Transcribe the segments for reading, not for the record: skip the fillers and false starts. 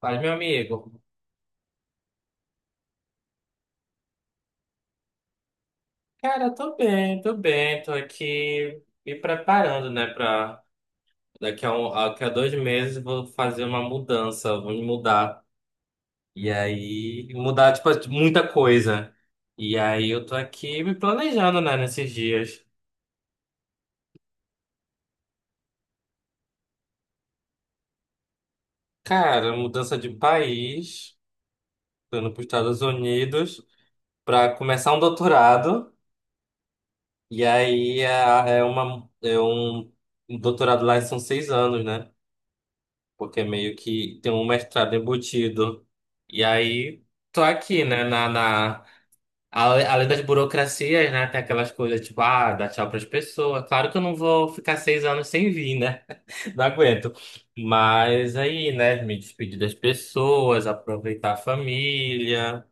Fala, meu amigo. Cara, tô bem, tô bem. Tô aqui me preparando, né, pra daqui a 2 meses vou fazer uma mudança, vou me mudar. E aí, mudar, tipo, muita coisa. E aí eu tô aqui me planejando, né, nesses dias. Cara, mudança de país, tô indo pros Estados Unidos pra começar um doutorado. E aí é um doutorado lá são 6 anos, né? Porque meio que tem um mestrado embutido. E aí, tô aqui, né, além das burocracias, né, tem aquelas coisas tipo, ah, dar tchau pras pessoas. Claro que eu não vou ficar 6 anos sem vir, né? Não aguento. Mas aí, né, me despedir das pessoas, aproveitar a família,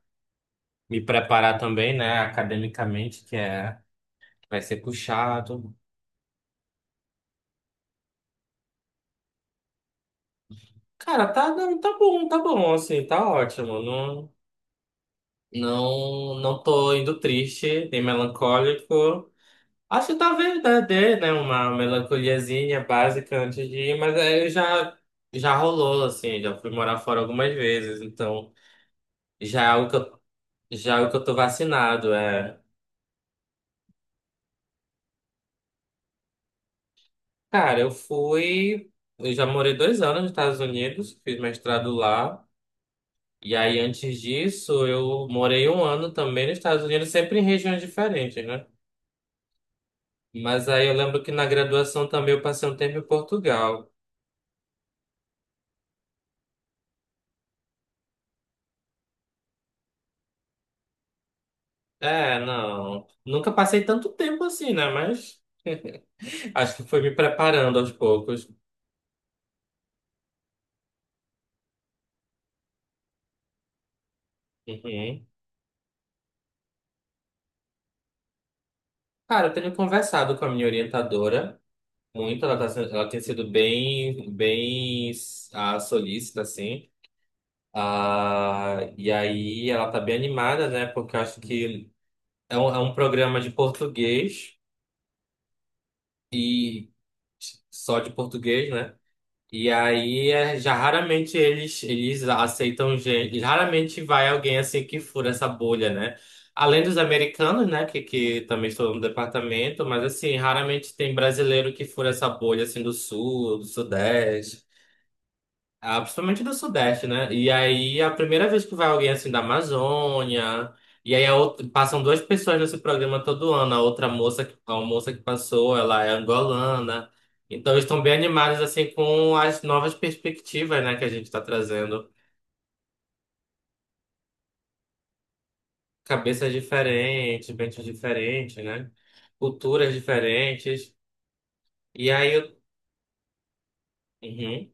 me preparar também, né, academicamente, que é... vai ser puxado. Cara, tá, não, tá bom, assim, tá ótimo. Não, não, não tô indo triste, nem melancólico. Acho que talvez dê, né, uma melancoliazinha básica antes de ir, mas aí já, já rolou, assim, já fui morar fora algumas vezes, então já é algo que eu, já é algo que eu tô vacinado, é. Cara, eu já morei 2 anos nos Estados Unidos, fiz mestrado lá, e aí antes disso eu morei um ano também nos Estados Unidos, sempre em regiões diferentes, né? Mas aí eu lembro que na graduação também eu passei um tempo em Portugal. É, não. Nunca passei tanto tempo assim, né? Mas acho que foi me preparando aos poucos. Uhum. Cara, eu tenho conversado com a minha orientadora muito. Ela tem sido bem solícita, assim. Ah, e aí ela tá bem animada, né? Porque eu acho que é um programa de português e só de português, né? E aí, já raramente eles aceitam gente. Raramente vai alguém assim que fura essa bolha, né? Além dos americanos, né? Que também estão no departamento, mas assim, raramente tem brasileiro que fura essa bolha assim do sul, do sudeste. Ah, principalmente do Sudeste, né? E aí, a primeira vez que vai alguém assim da Amazônia, passam duas pessoas nesse programa todo ano. A moça que passou, ela é angolana. Então, eles estão bem animados assim com as novas perspectivas, né, que a gente está trazendo. Cabeças diferentes, mentes diferentes, né? Culturas diferentes. E aí, eu... uhum,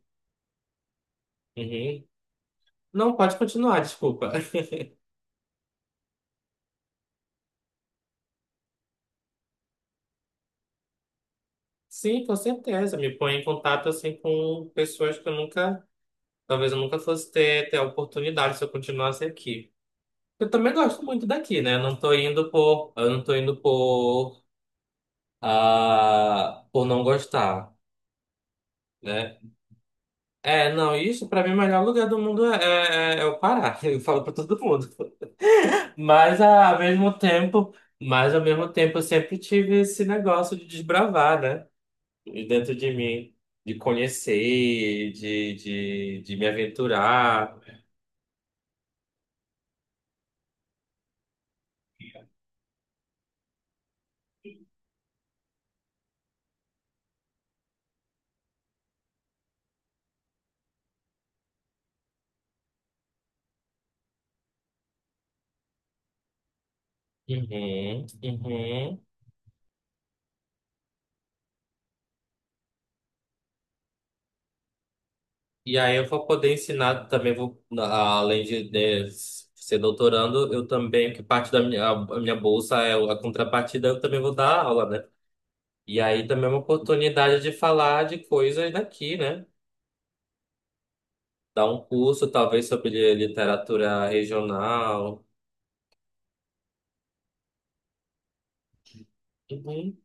uhum. Não, pode continuar, desculpa. Sim, com certeza. Me põe em contato assim com pessoas. Que eu nunca Talvez eu nunca fosse ter a oportunidade se eu continuasse aqui. Eu também gosto muito daqui, né? Eu não tô indo por não gostar, né? É, não, isso pra mim o melhor lugar do mundo é o Pará. Eu falo pra todo mundo. Mas ah, ao mesmo tempo, mas ao mesmo tempo eu sempre tive esse negócio de desbravar, né? De Dentro de mim, de conhecer, de me aventurar. Uhum, uhum. E aí eu vou poder ensinar também, além de, né, ser doutorando, eu também, que a minha bolsa é a contrapartida, eu também vou dar aula, né? E aí também é uma oportunidade de falar de coisas daqui, né? Dar um curso, talvez, sobre literatura regional. Uhum.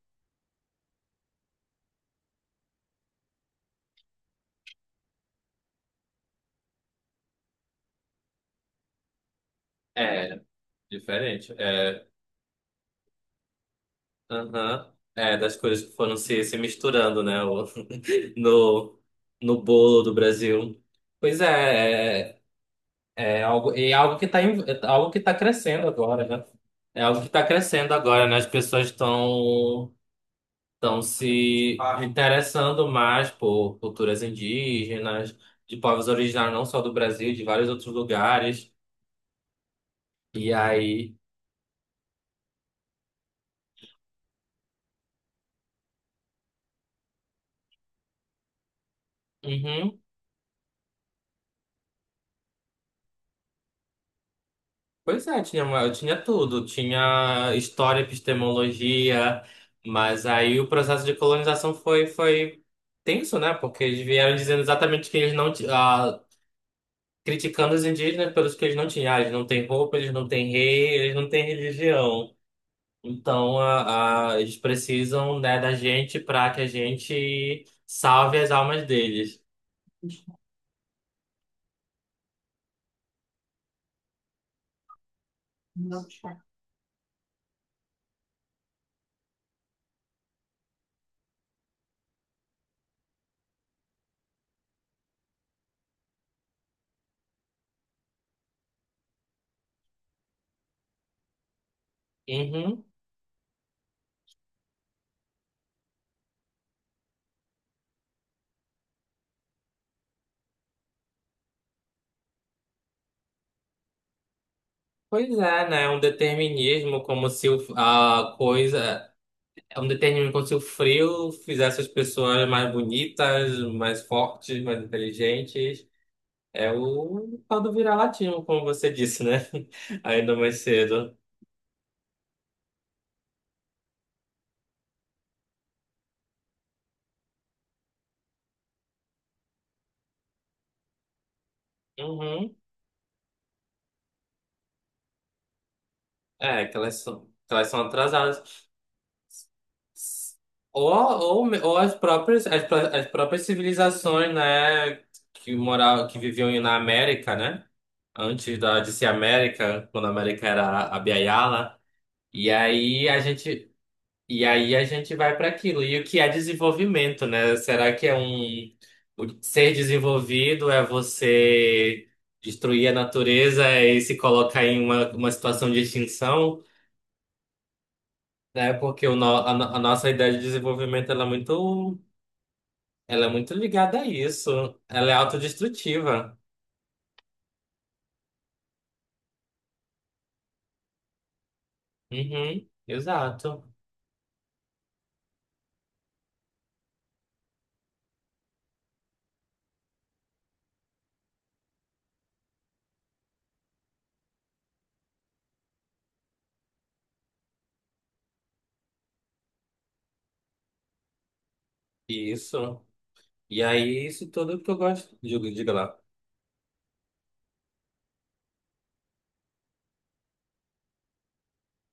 É, diferente. É, aham. É, das coisas que foram se misturando, né? No, no bolo do Brasil. Pois é. É algo, e é algo que está algo que tá crescendo agora, né? É algo que está crescendo agora, né? As pessoas estão se interessando mais por culturas indígenas, de povos originários não só do Brasil, de vários outros lugares. E aí, uhum, pois é, tinha tudo, tinha história, epistemologia, mas aí o processo de colonização foi tenso, né? Porque eles vieram dizendo exatamente que eles não criticando os indígenas pelos que eles não tinham. Ah, eles não têm roupa, eles não têm rei, eles não têm religião. Então, eles precisam, né, da gente para que a gente salve as almas deles. Não. Uhum. Pois é, né? É um determinismo como se a coisa. É um determinismo como se o frio fizesse as pessoas mais bonitas, mais fortes, mais inteligentes. É o tal do vira-latismo, como você disse, né? Ainda mais cedo. Uhum. É, que elas são atrasadas. Ou as próprias civilizações, né, que viviam na América, né? Antes de ser América, quando a América era a Biayala. E aí a gente, e aí a gente vai para aquilo. E o que é desenvolvimento, né? Será que o ser desenvolvido é você destruir a natureza e se colocar em uma situação de extinção? É porque o no- a, no- a nossa ideia de desenvolvimento ela é muito ligada a isso. Ela é autodestrutiva. Uhum, exato. Isso. E aí, isso tudo que eu gosto. Diga lá.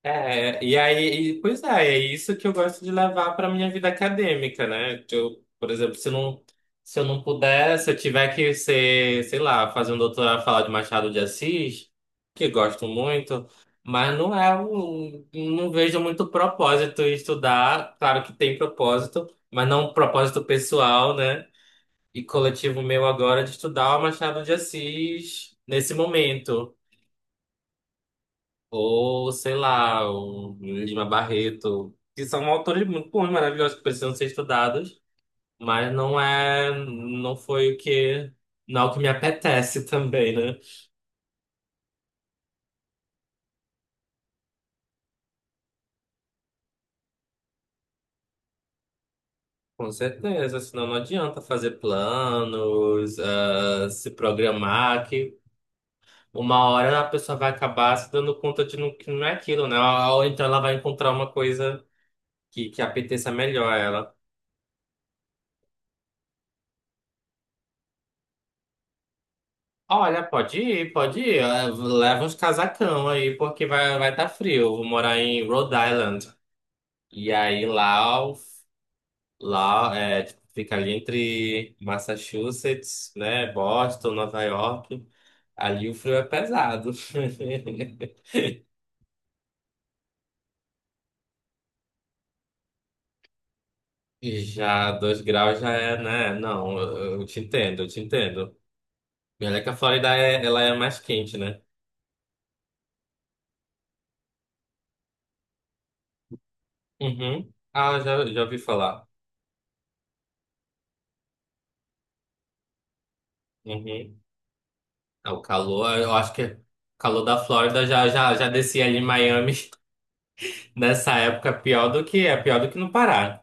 É, e aí, pois é isso que eu gosto de levar para minha vida acadêmica, né? Que eu, por exemplo, se eu não puder, se eu tiver que ser, sei lá, fazer um doutorado, falar de Machado de Assis, que gosto muito, mas não vejo muito propósito em estudar. Claro que tem propósito, mas não um propósito pessoal, né? E coletivo meu agora de estudar o Machado de Assis nesse momento. Ou, sei lá, o Lima Barreto, que são autores muito bons, maravilhosos, que precisam ser estudados, mas não é o que me apetece também, né? Com certeza, senão não adianta fazer planos, se programar, que uma hora a pessoa vai acabar se dando conta de não, que não é aquilo, né? Ou então ela vai encontrar uma coisa que apeteça melhor a ela. Olha, pode ir, pode ir. Leva uns casacão aí, porque vai tá frio. Eu vou morar em Rhode Island. E aí lá é, tipo, fica ali entre Massachusetts, né? Boston, Nova York. Ali o frio é pesado. E já 2 graus já é, né? Não, eu te entendo, eu te entendo. E olha que ela é mais quente, né? Uhum. Ah, já ouvi falar. Uhum. Ah, o calor, eu acho que o calor da Flórida já descia ali em Miami nessa época, pior do que no Pará.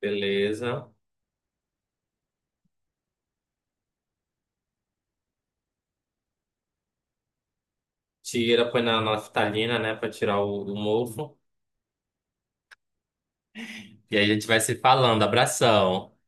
Beleza. Tira, põe na naftalina, né, pra tirar o mofo. E aí a gente vai se falando. Abração.